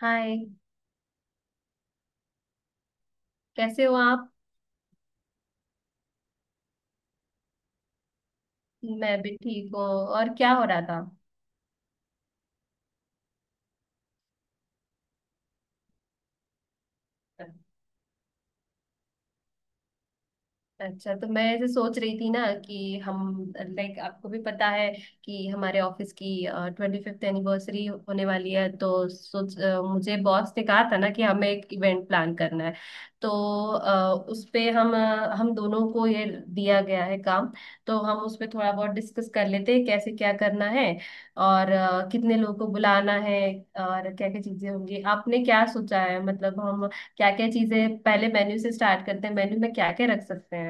हाय। कैसे हो आप? मैं भी ठीक हूँ। और क्या हो रहा था? अच्छा, तो मैं ऐसे सोच रही थी ना कि हम लाइक आपको भी पता है कि हमारे ऑफिस की 25th एनिवर्सरी होने वाली है, तो मुझे बॉस ने कहा था ना कि हमें एक इवेंट प्लान करना है। तो उस पे हम दोनों को ये दिया गया है काम। तो हम उस पे थोड़ा बहुत डिस्कस कर लेते हैं कैसे क्या करना है, और कितने लोगों को बुलाना है, और क्या क्या चीजें होंगी? आपने क्या सोचा है? मतलब हम क्या क्या चीजें, पहले मेन्यू से स्टार्ट करते हैं, मेन्यू में क्या क्या रख सकते हैं?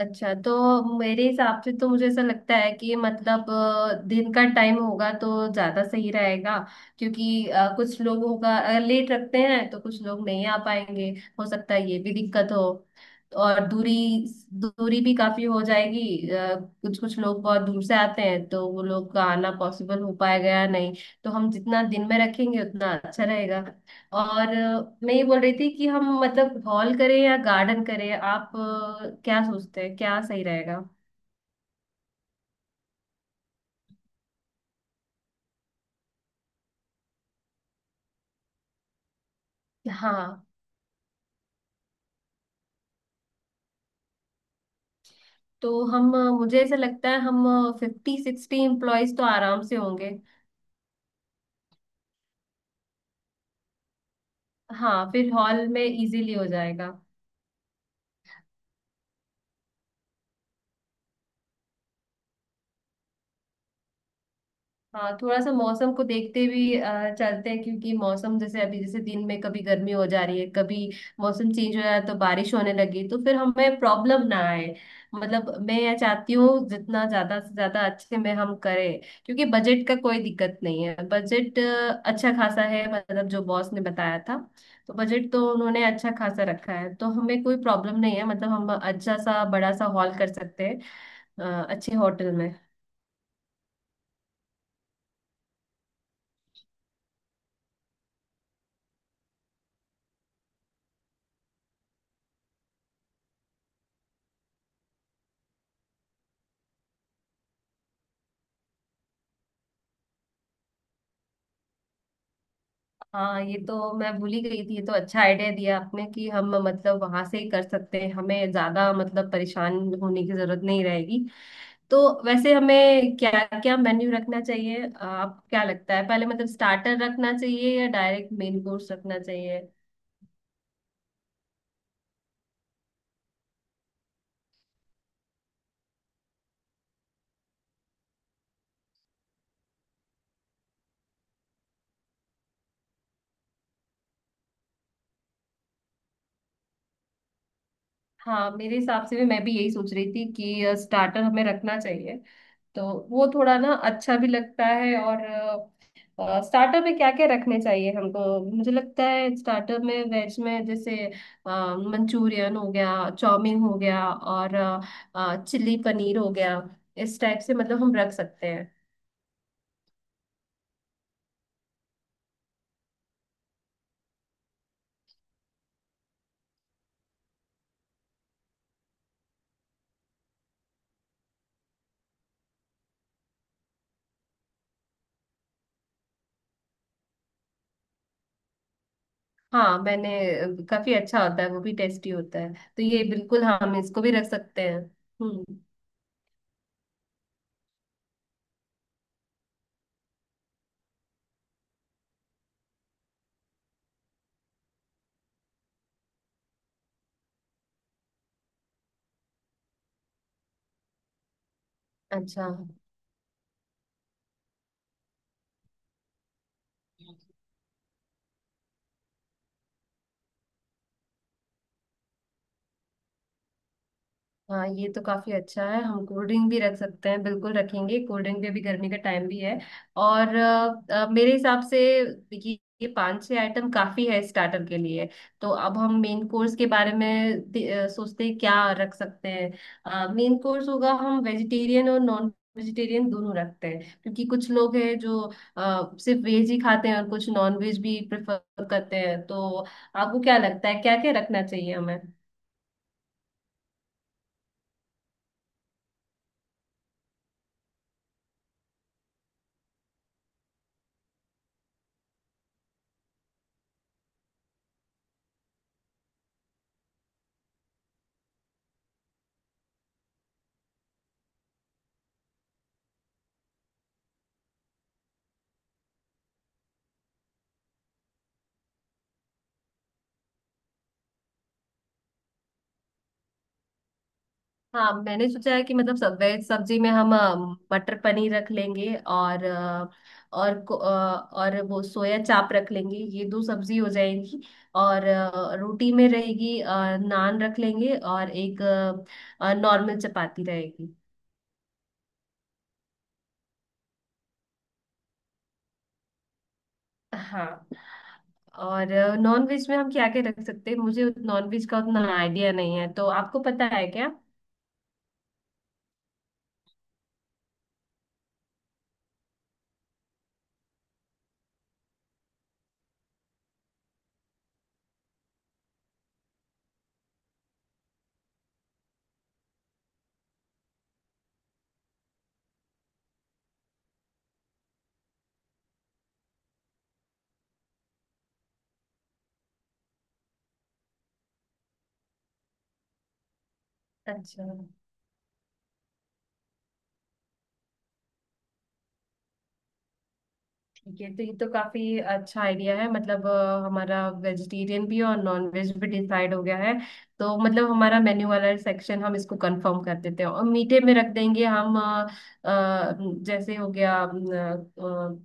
अच्छा, तो मेरे हिसाब से तो मुझे ऐसा लगता है कि मतलब दिन का टाइम होगा तो ज्यादा सही रहेगा। क्योंकि कुछ लोग होगा, अगर लेट रखते हैं तो कुछ लोग नहीं आ पाएंगे, हो सकता है ये भी दिक्कत हो। और दूरी। दूरी भी काफी हो जाएगी, कुछ कुछ लोग बहुत दूर से आते हैं, तो वो लोग का आना पॉसिबल हो पाएगा या नहीं। तो हम जितना दिन में रखेंगे उतना अच्छा रहेगा। और मैं ये बोल रही थी कि हम मतलब हॉल करें या गार्डन करें, आप क्या सोचते हैं क्या सही रहेगा? हाँ, तो हम, मुझे ऐसा लगता है हम 50-60 एम्प्लॉयज तो आराम से होंगे। हाँ, फिर हॉल में इजीली हो जाएगा। हाँ, थोड़ा सा मौसम को देखते भी चलते हैं, क्योंकि मौसम जैसे अभी जैसे दिन में कभी गर्मी हो जा रही है, कभी मौसम चेंज हो रहा है, तो बारिश होने लगी तो फिर हमें प्रॉब्लम ना आए। मतलब मैं यह चाहती हूँ जितना ज्यादा से ज्यादा अच्छे में हम करें। क्योंकि बजट का कोई दिक्कत नहीं है, बजट अच्छा खासा है, मतलब जो बॉस ने बताया था। तो बजट तो उन्होंने अच्छा खासा रखा है, तो हमें कोई प्रॉब्लम नहीं है, मतलब हम अच्छा सा बड़ा सा हॉल कर सकते हैं, अच्छे होटल में। हाँ, ये तो मैं भूल ही गई थी, ये तो अच्छा आइडिया दिया आपने कि हम मतलब वहां से ही कर सकते हैं, हमें ज्यादा मतलब परेशान होने की जरूरत नहीं रहेगी। तो वैसे हमें क्या क्या मेन्यू रखना चाहिए? आप क्या लगता है, पहले मतलब स्टार्टर रखना चाहिए या डायरेक्ट मेन कोर्स रखना चाहिए? हाँ, मेरे हिसाब से भी, मैं भी यही सोच रही थी कि स्टार्टर हमें रखना चाहिए, तो वो थोड़ा ना अच्छा भी लगता है। और स्टार्टर में क्या क्या रखने चाहिए हमको? मुझे लगता है स्टार्टर में वेज में जैसे मंचूरियन हो गया, चाउमीन हो गया, और चिल्ली पनीर हो गया, इस टाइप से मतलब हम रख सकते हैं। हाँ, मैंने, काफी अच्छा होता है, वो भी टेस्टी होता है, तो ये बिल्कुल, हाँ, हम इसको भी रख सकते हैं। हम्म। अच्छा। हाँ, ये तो काफी अच्छा है, हम कोल्ड ड्रिंक भी रख सकते हैं, बिल्कुल रखेंगे कोल्ड ड्रिंक, में भी गर्मी का टाइम भी है। और मेरे हिसाब से ये 5-6 आइटम काफी है स्टार्टर के लिए। तो अब हम मेन कोर्स के बारे में सोचते हैं क्या रख सकते हैं, मेन कोर्स होगा। हम वेजिटेरियन और नॉन वेजिटेरियन दोनों रखते हैं, क्योंकि कुछ लोग हैं जो सिर्फ वेज ही खाते हैं और कुछ नॉन वेज भी प्रेफर करते हैं। तो आपको क्या लगता है क्या क्या रखना चाहिए हमें? हाँ, मैंने सोचा है कि मतलब सब वेज सब्जी में हम मटर पनीर रख लेंगे, और और को- अ, और वो सोया चाप रख लेंगे, ये दो सब्जी हो जाएंगी। और रोटी में रहेगी, नान रख लेंगे और एक नॉर्मल चपाती रहेगी। हाँ। और नॉन वेज में हम क्या क्या रख सकते हैं? मुझे नॉन वेज का उतना आइडिया नहीं है, तो आपको पता है क्या? अच्छा। ठीक है, तो ये तो काफी अच्छा आइडिया है, मतलब हमारा वेजिटेरियन भी और नॉन वेज भी डिसाइड हो गया है। तो मतलब हमारा मेन्यू वाला सेक्शन हम इसको कंफर्म कर देते हैं, और मीठे में रख देंगे हम, अ, जैसे हो गया,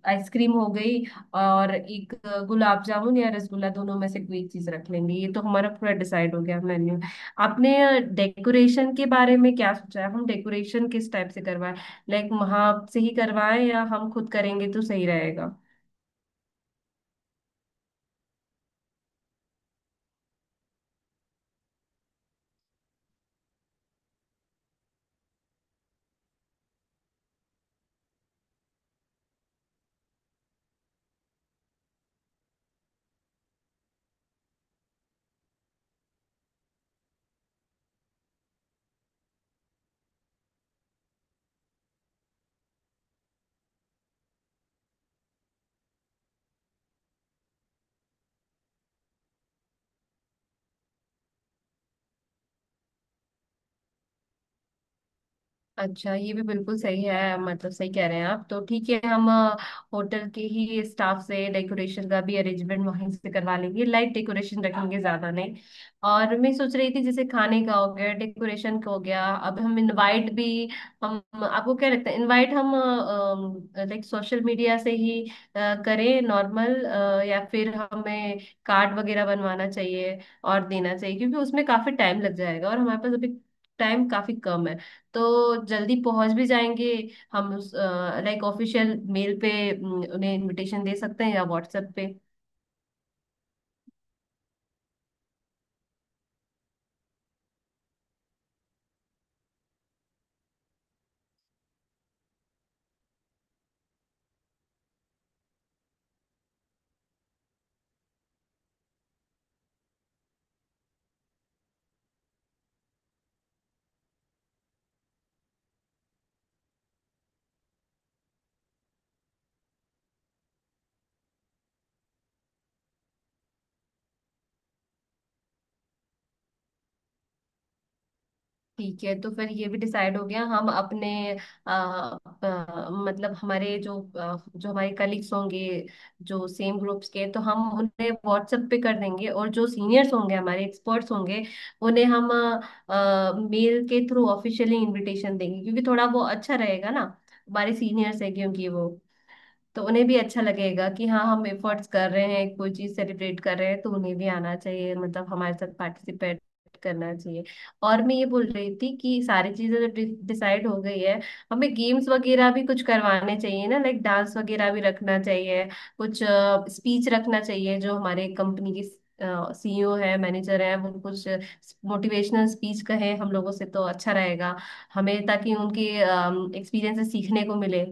आइसक्रीम हो गई, और एक गुलाब जामुन या रसगुल्ला दोनों में से कोई एक चीज रख लेंगे। ये तो हमारा पूरा डिसाइड हो गया मेन्यू। आपने डेकोरेशन के बारे में क्या सोचा है? हम डेकोरेशन किस टाइप से करवाएं? लाइक वहां से ही करवाएं, या हम खुद करेंगे तो सही रहेगा? अच्छा, ये भी बिल्कुल सही है, मतलब सही कह रहे हैं आप। तो ठीक है, हम होटल के ही स्टाफ से डेकोरेशन का भी अरेंजमेंट वहीं से करवा लेंगे, लाइट डेकोरेशन रखेंगे, ज्यादा नहीं। और मैं सोच रही थी, जैसे खाने का हो गया, डेकोरेशन का हो गया, अब हम इनवाइट भी, हम, आपको क्या लगता है, इनवाइट हम लाइक सोशल मीडिया से ही करें नॉर्मल, या फिर हमें कार्ड वगैरह बनवाना चाहिए और देना चाहिए? क्योंकि उसमें काफी टाइम लग जाएगा और हमारे पास अभी टाइम काफी कम है, तो जल्दी पहुंच भी जाएंगे, हम उस लाइक ऑफिशियल मेल पे उन्हें इनविटेशन दे सकते हैं या व्हाट्सएप पे। ठीक है, तो फिर ये भी डिसाइड हो गया। हम अपने मतलब हमारे जो हमारे कलीग्स होंगे जो सेम ग्रुप्स के, तो हम उन्हें व्हाट्सएप पे कर देंगे, और जो सीनियर्स होंगे, हमारे एक्सपर्ट्स होंगे, उन्हें हम मेल के थ्रू ऑफिशियली इनविटेशन देंगे, क्योंकि थोड़ा वो अच्छा रहेगा ना, हमारे सीनियर्स है क्योंकि वो। तो उन्हें भी अच्छा लगेगा कि हाँ, हम एफर्ट्स कर रहे हैं, कोई चीज सेलिब्रेट कर रहे हैं, तो उन्हें भी आना चाहिए, मतलब हमारे साथ पार्टिसिपेट करना चाहिए। और मैं ये बोल रही थी कि सारी चीजें तो डिसाइड हो गई है। हमें गेम्स वगैरह भी कुछ करवाने चाहिए ना, लाइक डांस वगैरह भी रखना चाहिए, कुछ स्पीच रखना चाहिए, जो हमारे कंपनी की सीईओ है, मैनेजर है वो, कुछ मोटिवेशनल स्पीच कहे हम लोगों से तो अच्छा रहेगा हमें, ताकि उनके एक्सपीरियंस से सीखने को मिले।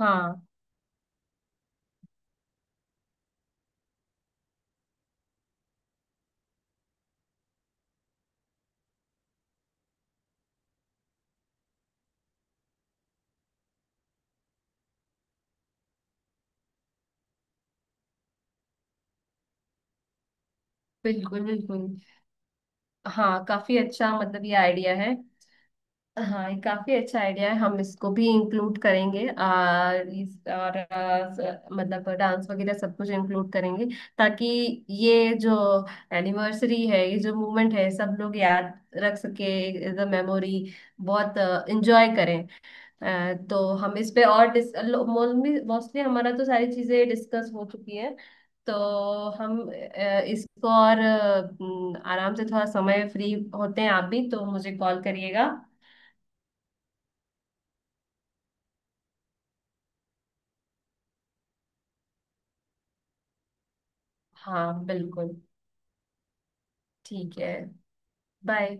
हाँ, बिल्कुल बिल्कुल। हाँ, काफी अच्छा, मतलब ये आइडिया है। हाँ, ये काफी अच्छा आइडिया है, हम इसको भी इंक्लूड करेंगे, और इस और मतलब डांस वगैरह सब कुछ इंक्लूड करेंगे, ताकि ये जो एनिवर्सरी है, ये जो मूवमेंट है, सब लोग याद रख सके एज अ मेमोरी, बहुत इंजॉय करें। तो हम इस पे और डिस मोस्टली हमारा तो सारी चीजें डिस्कस हो चुकी हैं। तो हम इसको और आराम से, थोड़ा समय फ्री होते हैं आप भी तो मुझे कॉल करिएगा। हाँ बिल्कुल। ठीक है। बाय।